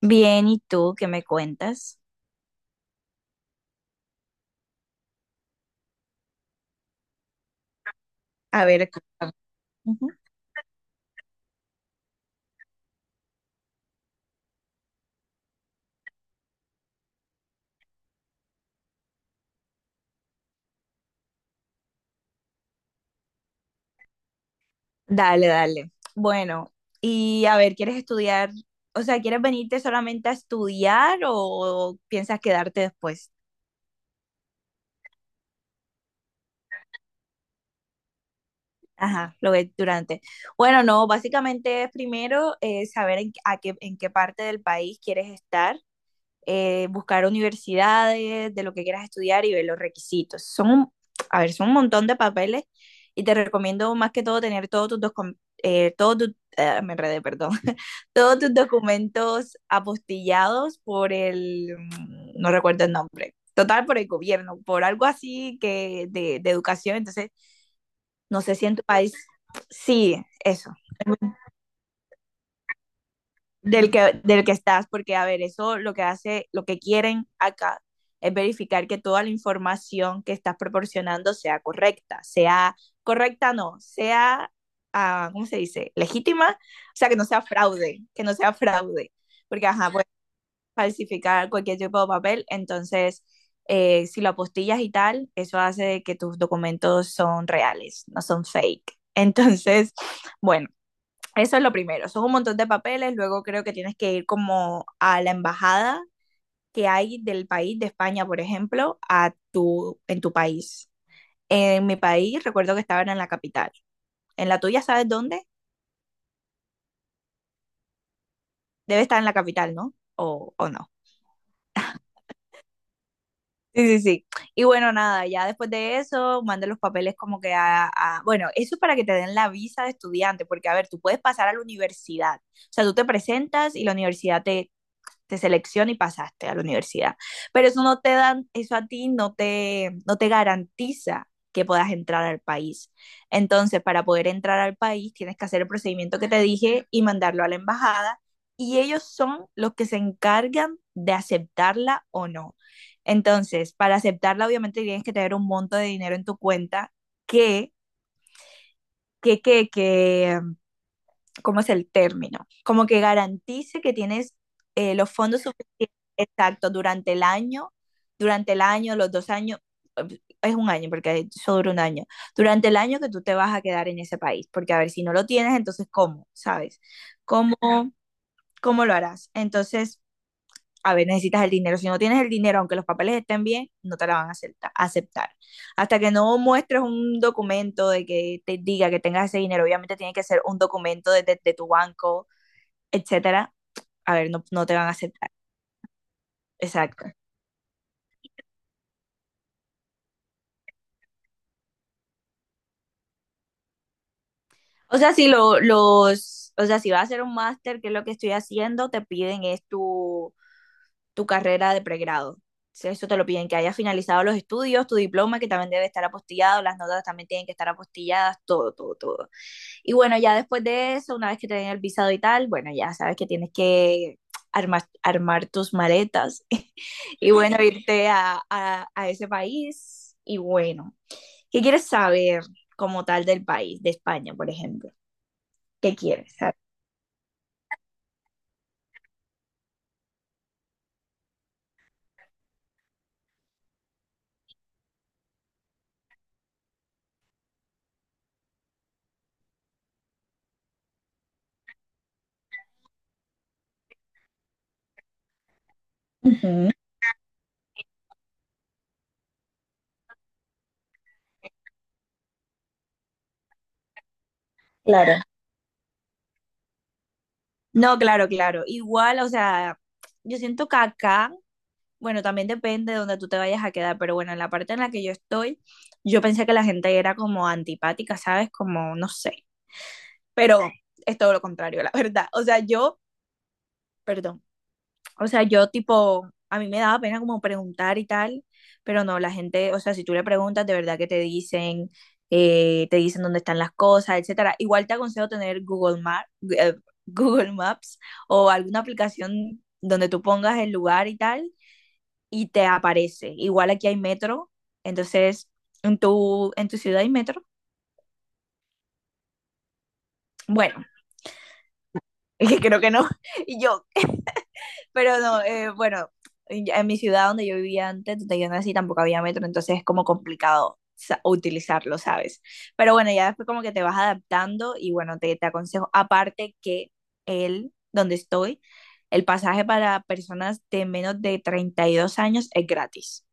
Bien, ¿y tú qué me cuentas? A ver, cuéntame. Ujú. Dale, dale. Bueno, y a ver, ¿quieres estudiar? O sea, ¿quieres venirte solamente a estudiar o piensas quedarte después? Ajá, lo ves durante. Bueno, no, básicamente es primero, saber en qué parte del país quieres estar. Buscar universidades, de lo que quieras estudiar y ver los requisitos. A ver, son un montón de papeles y te recomiendo más que todo tener todos tus, dos, ah, me enredé, perdón. Todos tus documentos apostillados por el, mm, no recuerdo el nombre. Total, por el gobierno, por algo así que de educación. Entonces, no sé si en tu país, sí, eso. Del que estás, porque a ver, eso lo que hace, lo que quieren acá es verificar que toda la información que estás proporcionando sea correcta, no, sea, ah, ¿cómo se dice? Legítima, o sea, que no sea fraude, que no sea fraude, porque, ajá, puedes falsificar cualquier tipo de papel. Entonces, si lo apostillas y tal, eso hace que tus documentos son reales, no son fake. Entonces, bueno. Eso es lo primero, son un montón de papeles. Luego creo que tienes que ir como a la embajada que hay del país, de España, por ejemplo, en tu país. En mi país recuerdo que estaban en la capital. ¿En la tuya sabes dónde? Debe estar en la capital, ¿no? O no? Sí, sí, sí. Y bueno, nada, ya después de eso, manda los papeles como que bueno, eso es para que te den la visa de estudiante, porque a ver, tú puedes pasar a la universidad. O sea, tú te presentas y la universidad te selecciona y pasaste a la universidad. Pero eso no te dan, eso a ti no te garantiza que puedas entrar al país. Entonces, para poder entrar al país, tienes que hacer el procedimiento que te dije y mandarlo a la embajada, y ellos son los que se encargan de aceptarla o no. Entonces, para aceptarla, obviamente tienes que tener un monto de dinero en tu cuenta que, que ¿cómo es el término? Como que garantice que tienes, los fondos suficientes, exacto, durante el año, los 2 años, es un año, porque eso dura un año, durante el año que tú te vas a quedar en ese país, porque a ver, si no lo tienes, entonces, ¿cómo? ¿Sabes? ¿Cómo, cómo lo harás? Entonces, a ver, necesitas el dinero. Si no tienes el dinero, aunque los papeles estén bien, no te la van a aceptar. Hasta que no muestres un documento de que te diga que tengas ese dinero, obviamente tiene que ser un documento de tu banco, etcétera. A ver, no, no te van a aceptar. Exacto. O sea, si lo, los, o sea, si vas a hacer un máster, que es lo que estoy haciendo, te piden es tu, tu carrera de pregrado. Si eso te lo piden, que hayas finalizado los estudios, tu diploma, que también debe estar apostillado, las notas también tienen que estar apostilladas, todo, todo, todo. Y bueno, ya después de eso, una vez que te den el visado y tal, bueno, ya sabes que tienes que armar tus maletas y bueno, irte a, a ese país. Y bueno, ¿qué quieres saber como tal del país, de España, por ejemplo? ¿Qué quieres saber? Ujú, claro. No, claro, claro. Igual, o sea, yo siento que acá, bueno, también depende de donde tú te vayas a quedar, pero bueno, en la parte en la que yo estoy, yo pensé que la gente era como antipática, ¿sabes? Como, no sé, pero es todo lo contrario, la verdad. O sea, yo, perdón. O sea, yo tipo, a mí me daba pena como preguntar y tal, pero no, la gente, o sea, si tú le preguntas, de verdad que te dicen dónde están las cosas, etcétera. Igual te aconsejo tener Google Maps, Google Maps o alguna aplicación donde tú pongas el lugar y tal, y te aparece. Igual aquí hay metro. Entonces, en tu ciudad hay metro? Bueno, es que creo que no. Y yo, pero no, bueno, en mi ciudad donde yo vivía antes, donde yo nací, tampoco había metro, entonces es como complicado utilizarlo, ¿sabes? Pero bueno, ya después como que te vas adaptando y bueno, te aconsejo, aparte que el donde estoy, el pasaje para personas de menos de 32 años es gratis.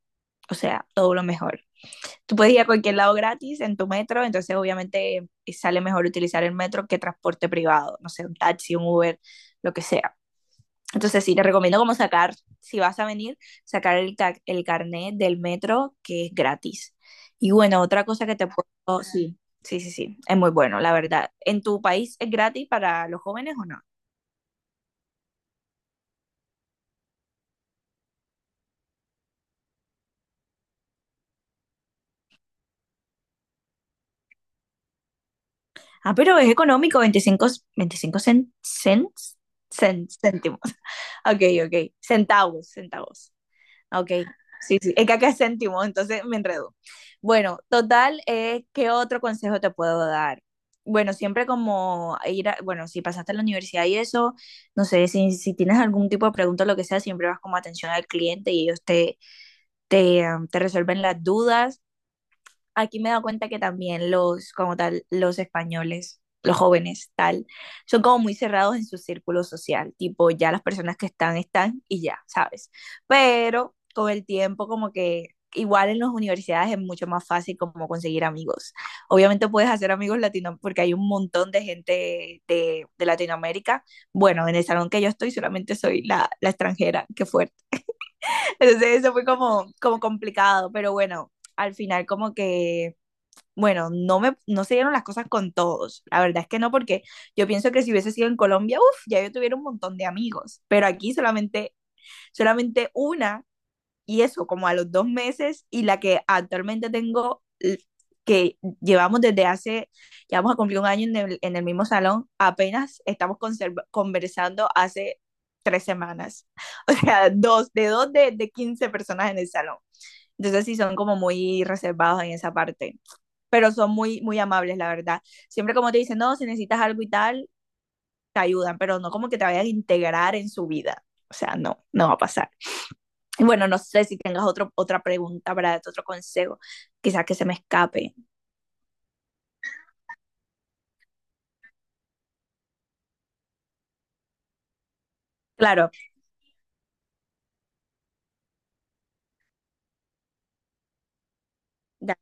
O sea, todo lo mejor. Tú puedes ir a cualquier lado gratis en tu metro. Entonces obviamente, sale mejor utilizar el metro que transporte privado, no sé, un taxi, un Uber, lo que sea. Entonces sí, te recomiendo como sacar, si vas a venir, el carnet del metro que es gratis. Y bueno, otra cosa que te puedo... Sí, sí, sí, sí, es muy bueno, la verdad. ¿En tu país es gratis para los jóvenes o no? Ah, pero es económico, 25, 25 cents, céntimos. Ok, ok, centavos, centavos. Ah, ok, sí, sí, es que acá es céntimo, entonces me enredo. Bueno, total, ¿qué otro consejo te puedo dar? Bueno, siempre como ir a, bueno, si pasaste a la universidad y eso, no sé, si, si tienes algún tipo de pregunta o lo que sea, siempre vas como atención al cliente y ellos te resuelven las dudas. Aquí me he dado cuenta que también los, como tal, los españoles, los jóvenes, tal, son como muy cerrados en su círculo social, tipo, ya las personas que están, están y ya, ¿sabes? Pero con el tiempo, como que, igual en las universidades es mucho más fácil como conseguir amigos. Obviamente puedes hacer amigos latinos porque hay un montón de gente de Latinoamérica. Bueno, en el salón que yo estoy solamente soy la, la extranjera, qué fuerte. Entonces eso fue como, como complicado, pero bueno, al final como que bueno, no, me, no se dieron las cosas con todos. La verdad es que no, porque yo pienso que si hubiese sido en Colombia, uff, ya yo tuviera un montón de amigos. Pero aquí solamente, solamente una, y eso como a los 2 meses, y la que actualmente tengo, que llevamos desde hace, ya vamos a cumplir un año en el mismo salón, apenas estamos conversando hace 3 semanas. O sea, dos de 15 personas en el salón. Entonces sí son como muy reservados en esa parte, pero son muy, muy amables, la verdad. Siempre como te dicen, no, si necesitas algo y tal, te ayudan, pero no como que te vayan a integrar en su vida. O sea, no, no va a pasar. Y bueno, no sé si tengas otro, otra pregunta para otro consejo, quizás que se me escape. Claro, ya.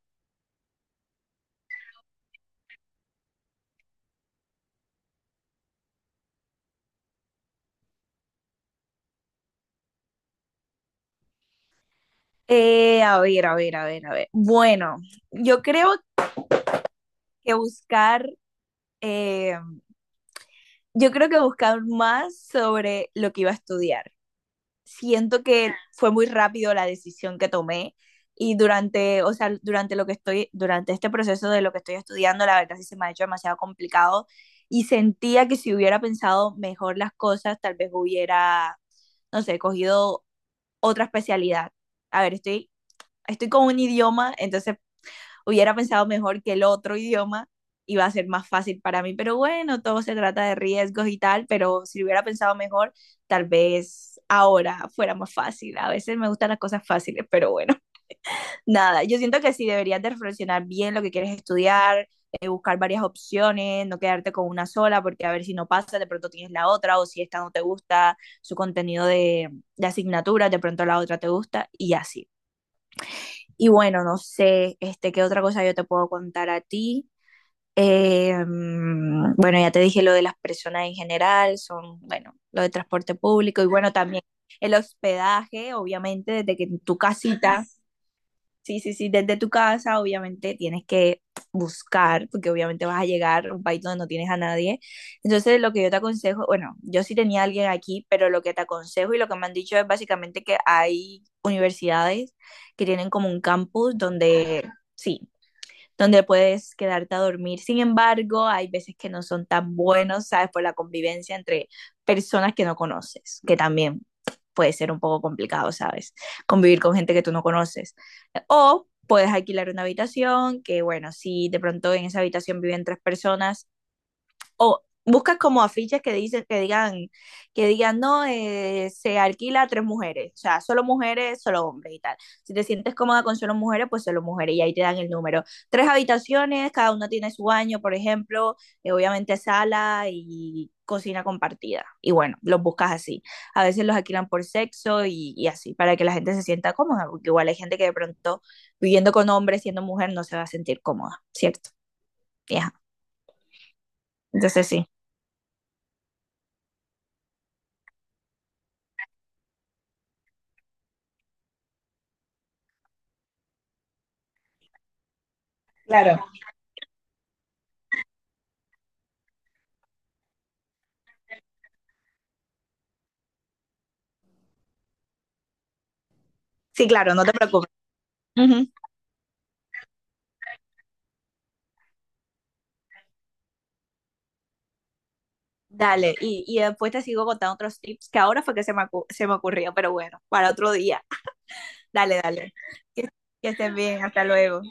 A ver, a ver, a ver, a ver. Bueno, yo creo que eh, yo creo que buscar más sobre lo que iba a estudiar. Siento que fue muy rápido la decisión que tomé y durante, o sea, durante lo que estoy, durante este proceso de lo que estoy estudiando, la verdad sí se me ha hecho demasiado complicado y sentía que si hubiera pensado mejor las cosas, tal vez hubiera, no sé, cogido otra especialidad. A ver, estoy con un idioma, entonces hubiera pensado mejor que el otro idioma iba a ser más fácil para mí, pero bueno, todo se trata de riesgos y tal, pero si lo hubiera pensado mejor, tal vez ahora fuera más fácil. A veces me gustan las cosas fáciles, pero bueno, nada, yo siento que sí deberías de reflexionar bien lo que quieres estudiar, buscar varias opciones, no quedarte con una sola, porque a ver si no pasa, de pronto tienes la otra, o si esta no te gusta su contenido de asignatura, de pronto la otra te gusta, y así. Y bueno, no sé, este, qué otra cosa yo te puedo contar a ti. Bueno, ya te dije lo de las personas en general. Son, bueno, lo de transporte público y bueno, también el hospedaje, obviamente, desde que tu casita, sí, sí, sí, desde tu casa, obviamente tienes que buscar, porque obviamente vas a llegar a un país donde no tienes a nadie. Entonces, lo que yo te aconsejo, bueno, yo sí tenía a alguien aquí, pero lo que te aconsejo y lo que me han dicho es básicamente que hay universidades que tienen como un campus donde, sí, donde puedes quedarte a dormir. Sin embargo, hay veces que no son tan buenos, ¿sabes? Por la convivencia entre personas que no conoces, que también puede ser un poco complicado, ¿sabes? Convivir con gente que tú no conoces. O puedes alquilar una habitación, que bueno, si de pronto en esa habitación viven tres personas, o buscas como afiches que dicen, que digan, no, se alquila a tres mujeres, o sea, solo mujeres, solo hombres y tal. Si te sientes cómoda con solo mujeres, pues solo mujeres y ahí te dan el número. Tres habitaciones, cada una tiene su baño, por ejemplo, obviamente sala y cocina compartida. Y bueno, los buscas así. A veces los alquilan por sexo y así, para que la gente se sienta cómoda, porque igual hay gente que de pronto viviendo con hombres, siendo mujer, no se va a sentir cómoda, ¿cierto? Ya, entonces sí. Claro, sí, claro, no te preocupes. Ujú. Dale, y después te sigo contando otros tips que ahora fue que se me, se me ocurrió, pero bueno, para otro día. Dale, dale. Que, que estés bien, hasta luego.